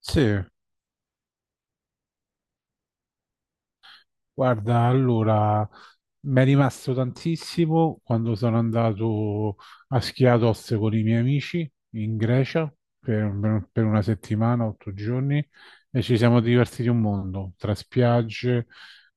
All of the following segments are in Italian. Sì, guarda, allora mi è rimasto tantissimo quando sono andato a Schiatos con i miei amici in Grecia per una settimana, 8 giorni, e ci siamo divertiti un mondo, tra spiagge,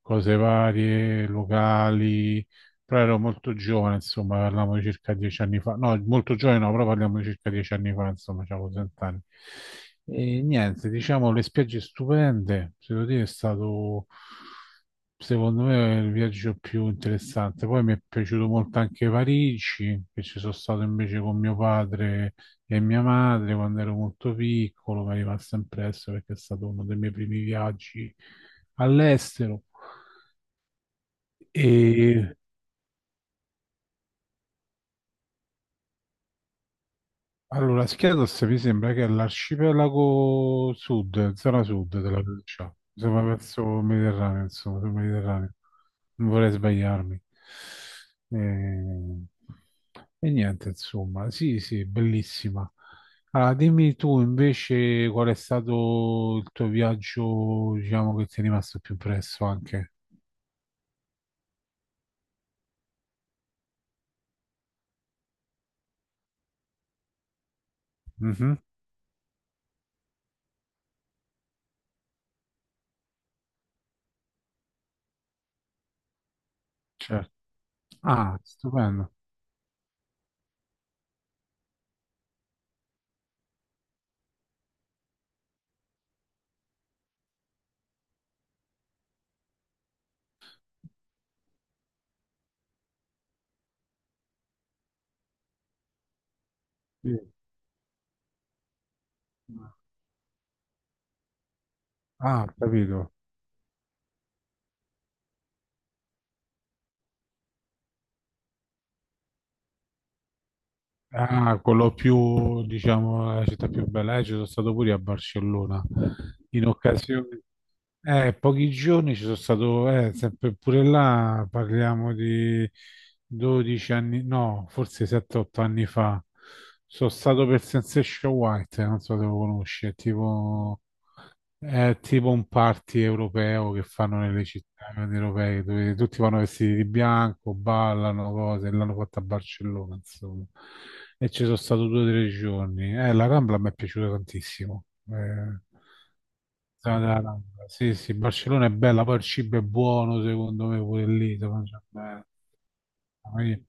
cose varie, locali. Però ero molto giovane, insomma, parliamo di circa 10 anni fa. No, molto giovane no, però parliamo di circa dieci anni fa, insomma, avevo 30 anni. E niente, diciamo, le spiagge stupende, se devo dire, è stato, secondo me, il viaggio più interessante. Poi mi è piaciuto molto anche Parigi, che ci sono stato invece con mio padre e mia madre quando ero molto piccolo, mi è rimasto impresso perché è stato uno dei miei primi viaggi all'estero. E Allora, Schiatos mi sembra che è l'arcipelago sud, zona sud della Grecia, insomma verso il Mediterraneo, insomma, sul Mediterraneo. Non vorrei sbagliarmi. E, e niente, insomma, sì, sì, bellissima. Ah, dimmi tu invece qual è stato il tuo viaggio, diciamo, che ti è rimasto più impresso anche. Mhm, certo. Ah, stupendo. Sì. Ah, ho capito. Ah, quello più, diciamo, la città più bella. Ci sono stato pure a Barcellona in occasione. Pochi giorni ci sono stato, sempre pure là parliamo di 12 anni, no, forse 7-8 anni fa. Sono stato per Sensation White, non so se lo conosci, è tipo un party europeo che fanno nelle città grandi europee dove tutti vanno vestiti di bianco, ballano cose, l'hanno fatta a Barcellona, insomma. E ci sono stato 2 o 3 giorni. La Rambla mi è piaciuta tantissimo. Eh, stata la Rambla. Sì, sì, Barcellona è bella, poi il cibo è buono, secondo me, pure lì, si mangia bene. Ah,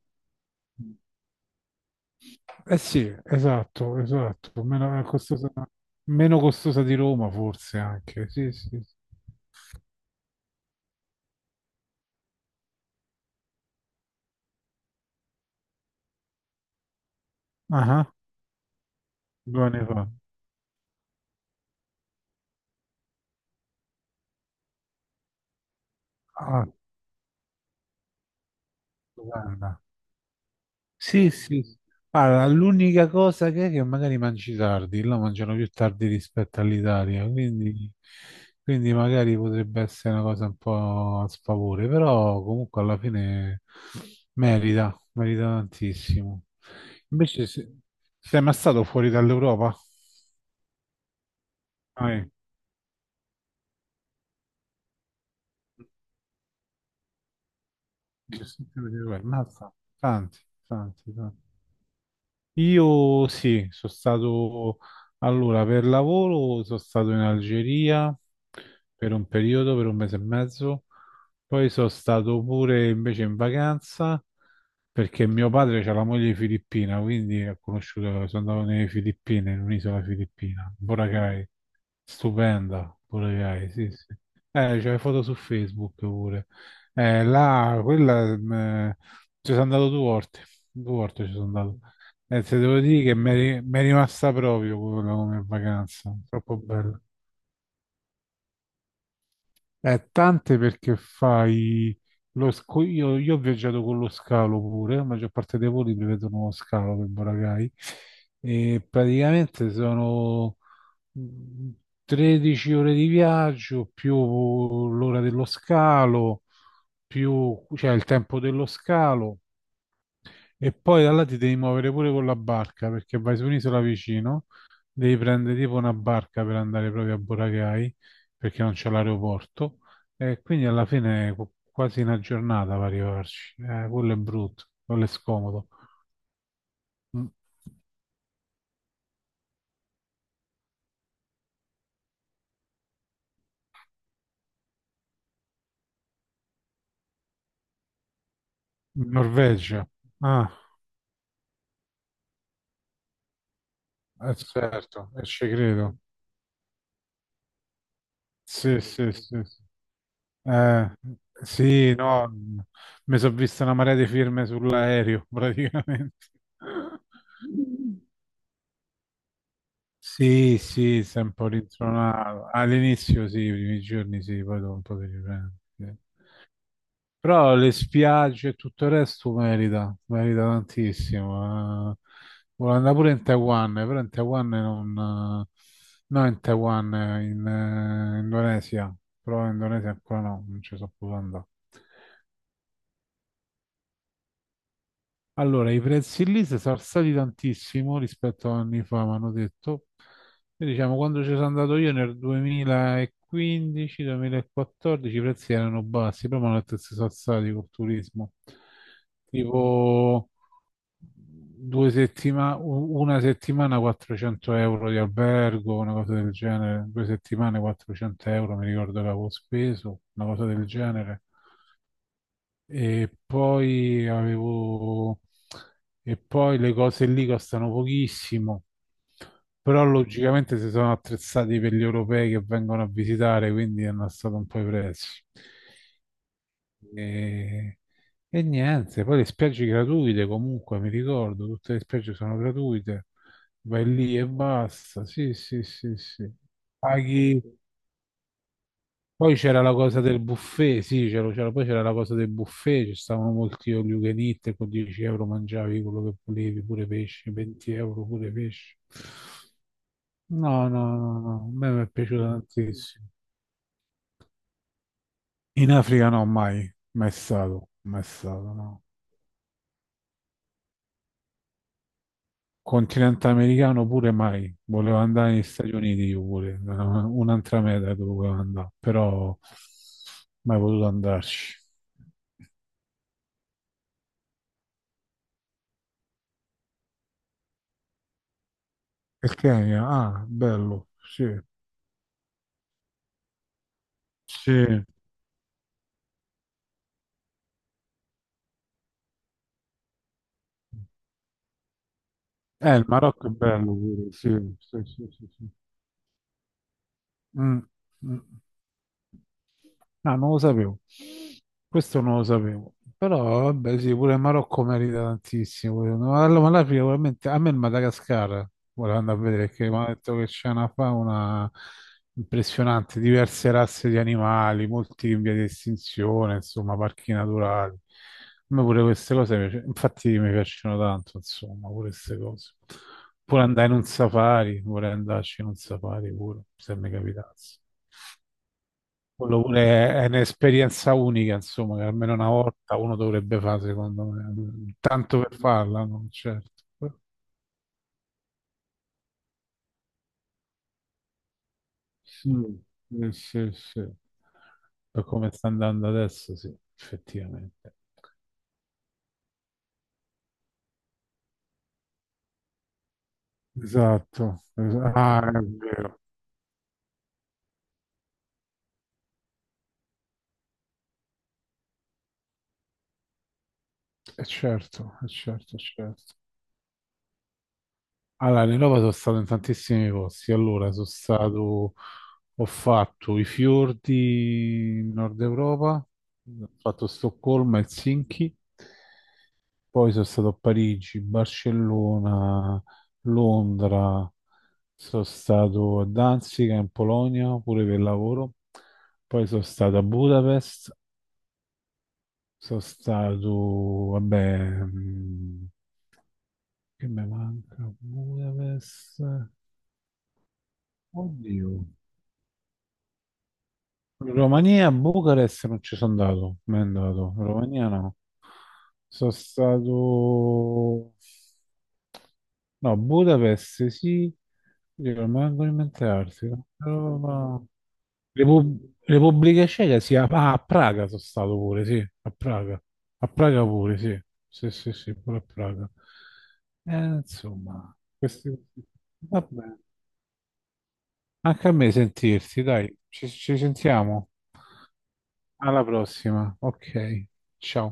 eh sì, esatto, esatto, meno costosa, di Roma forse anche, sì, sì. Sì. Ah, ah, due anni fa. Ah, stupenda. Sì, sì. Sì. Guarda, l'unica cosa che è che magari mangi tardi, là mangiano più tardi rispetto all'Italia, quindi magari potrebbe essere una cosa un po' a sfavore, però comunque alla fine merita, merita tantissimo. Invece sei mai stato fuori dall'Europa? Ah, eh. 17 milioni di euro. Mazza, tanti, tanti, tanti. Io sì, sono stato allora per lavoro, sono stato in Algeria per un periodo, per un mese e mezzo, poi sono stato pure invece in vacanza perché mio padre ha la moglie filippina, quindi ho conosciuto, sono andato nelle Filippine, in un'isola filippina, Boracay, stupenda, Boracay, sì, sì. C'è le foto su Facebook pure. Là, quella, ci sono andato due volte ci sono andato. Se devo dire che mi è rimasta proprio quello come vacanza, troppo bella. Tante perché fai io ho viaggiato con lo scalo pure, la maggior parte dei voli prevedono lo scalo per Boracay e praticamente sono mh, 13 ore di viaggio più l'ora dello scalo, più cioè il tempo dello scalo. E poi da là ti devi muovere pure con la barca perché vai su un'isola vicino, devi prendere tipo una barca per andare proprio a Boracay perché non c'è l'aeroporto e quindi alla fine quasi una giornata per arrivarci. Quello è brutto, quello è scomodo. Mm. Norvegia. Ah, certo, e ci credo. Sì, sì, sì. Sì. Eh, sì, no, mi sono vista una marea di firme sull'aereo praticamente. Sì, sì, sei un po' rintronato. All'inizio sì, i primi giorni sì, poi dopo un po' ti riprendi. Sì. Però le spiagge e tutto il resto merita, merita tantissimo. Volevo andare pure in Taiwan, però in Taiwan non. No, in Taiwan, in Indonesia. Però in Indonesia ancora no, non ci so più andare. Allora, i prezzi lì si sono alzati tantissimo rispetto a anni fa, mi hanno detto. E diciamo, quando ci sono andato io nel 2015-2014 i prezzi erano bassi, poi mi hanno detto che si sono alzati col turismo. Tipo 2 settimane, una settimana 400 euro di albergo, una cosa del genere, 2 settimane 400 euro, mi ricordo che avevo speso, una cosa del genere. E poi avevo. E poi le cose lì costano pochissimo, però logicamente si sono attrezzati per gli europei che vengono a visitare, quindi hanno alzato un po' i prezzi. E, e niente, poi le spiagge gratuite comunque, mi ricordo, tutte le spiagge sono gratuite, vai lì e basta, sì, sì, sì, sì. Paghi, poi c'era la cosa del buffet, sì, poi c'era la cosa del buffet, ci stavano molti all you can eat, e con 10 euro mangiavi quello che volevi, pure pesce, 20 euro pure pesce. No, no, no, no, a me mi è piaciuto tantissimo. In Africa no, mai, mai stato, mai stato, no. Continente americano pure mai, volevo andare negli Stati Uniti io pure, era un'altra meta che volevo andare, però mai potuto andarci. Il Kenya, ah, bello, sì. Sì, il Marocco è bello pure, sì, sì, sì, sì, sì. Mm, mm. Ah, non lo sapevo. Questo non lo sapevo. Però, vabbè, sì, pure il Marocco merita tantissimo. No, allora, ma l'Africa veramente, a me il Madagascar, volevo andare a vedere, perché mi ha detto che c'è una fauna impressionante, diverse razze di animali, molti in via di estinzione, insomma, parchi naturali. A me pure queste cose, infatti mi piacciono tanto, insomma, pure queste cose. Pure andare in un safari, vorrei andarci in un safari pure, se mi capitasse. Quello pure è un'esperienza unica, insomma, che almeno una volta uno dovrebbe fare, secondo me. Tanto per farla, no? Certo. Mm. Sì, sì. Per come sta andando adesso, sì, effettivamente. Esatto. Ah, è vero. È certo, è certo, è certo. Allora, in Europa sono stato in tantissimi posti. Allora, ho fatto i fiordi in Nord Europa, ho fatto Stoccolma, Helsinki. Poi sono stato a Parigi, Barcellona, Londra, sono stato a Danzica in Polonia pure per lavoro, poi sono stato a Budapest, vabbè, che mi manca? Budapest, oddio, Romania, Bucarest non ci sono andato, mi è andato, Romania no, sono stato No, Budapest sì, rimango alimentarsi. Roma. Repubblica Ceca sì, a Praga sono stato pure, sì, a Praga. A Praga pure, sì. Sì, sì, sì, pure a Praga. Insomma, questi. Vabbè. Anche a me sentirsi, dai, ci sentiamo. Alla prossima, ok, ciao.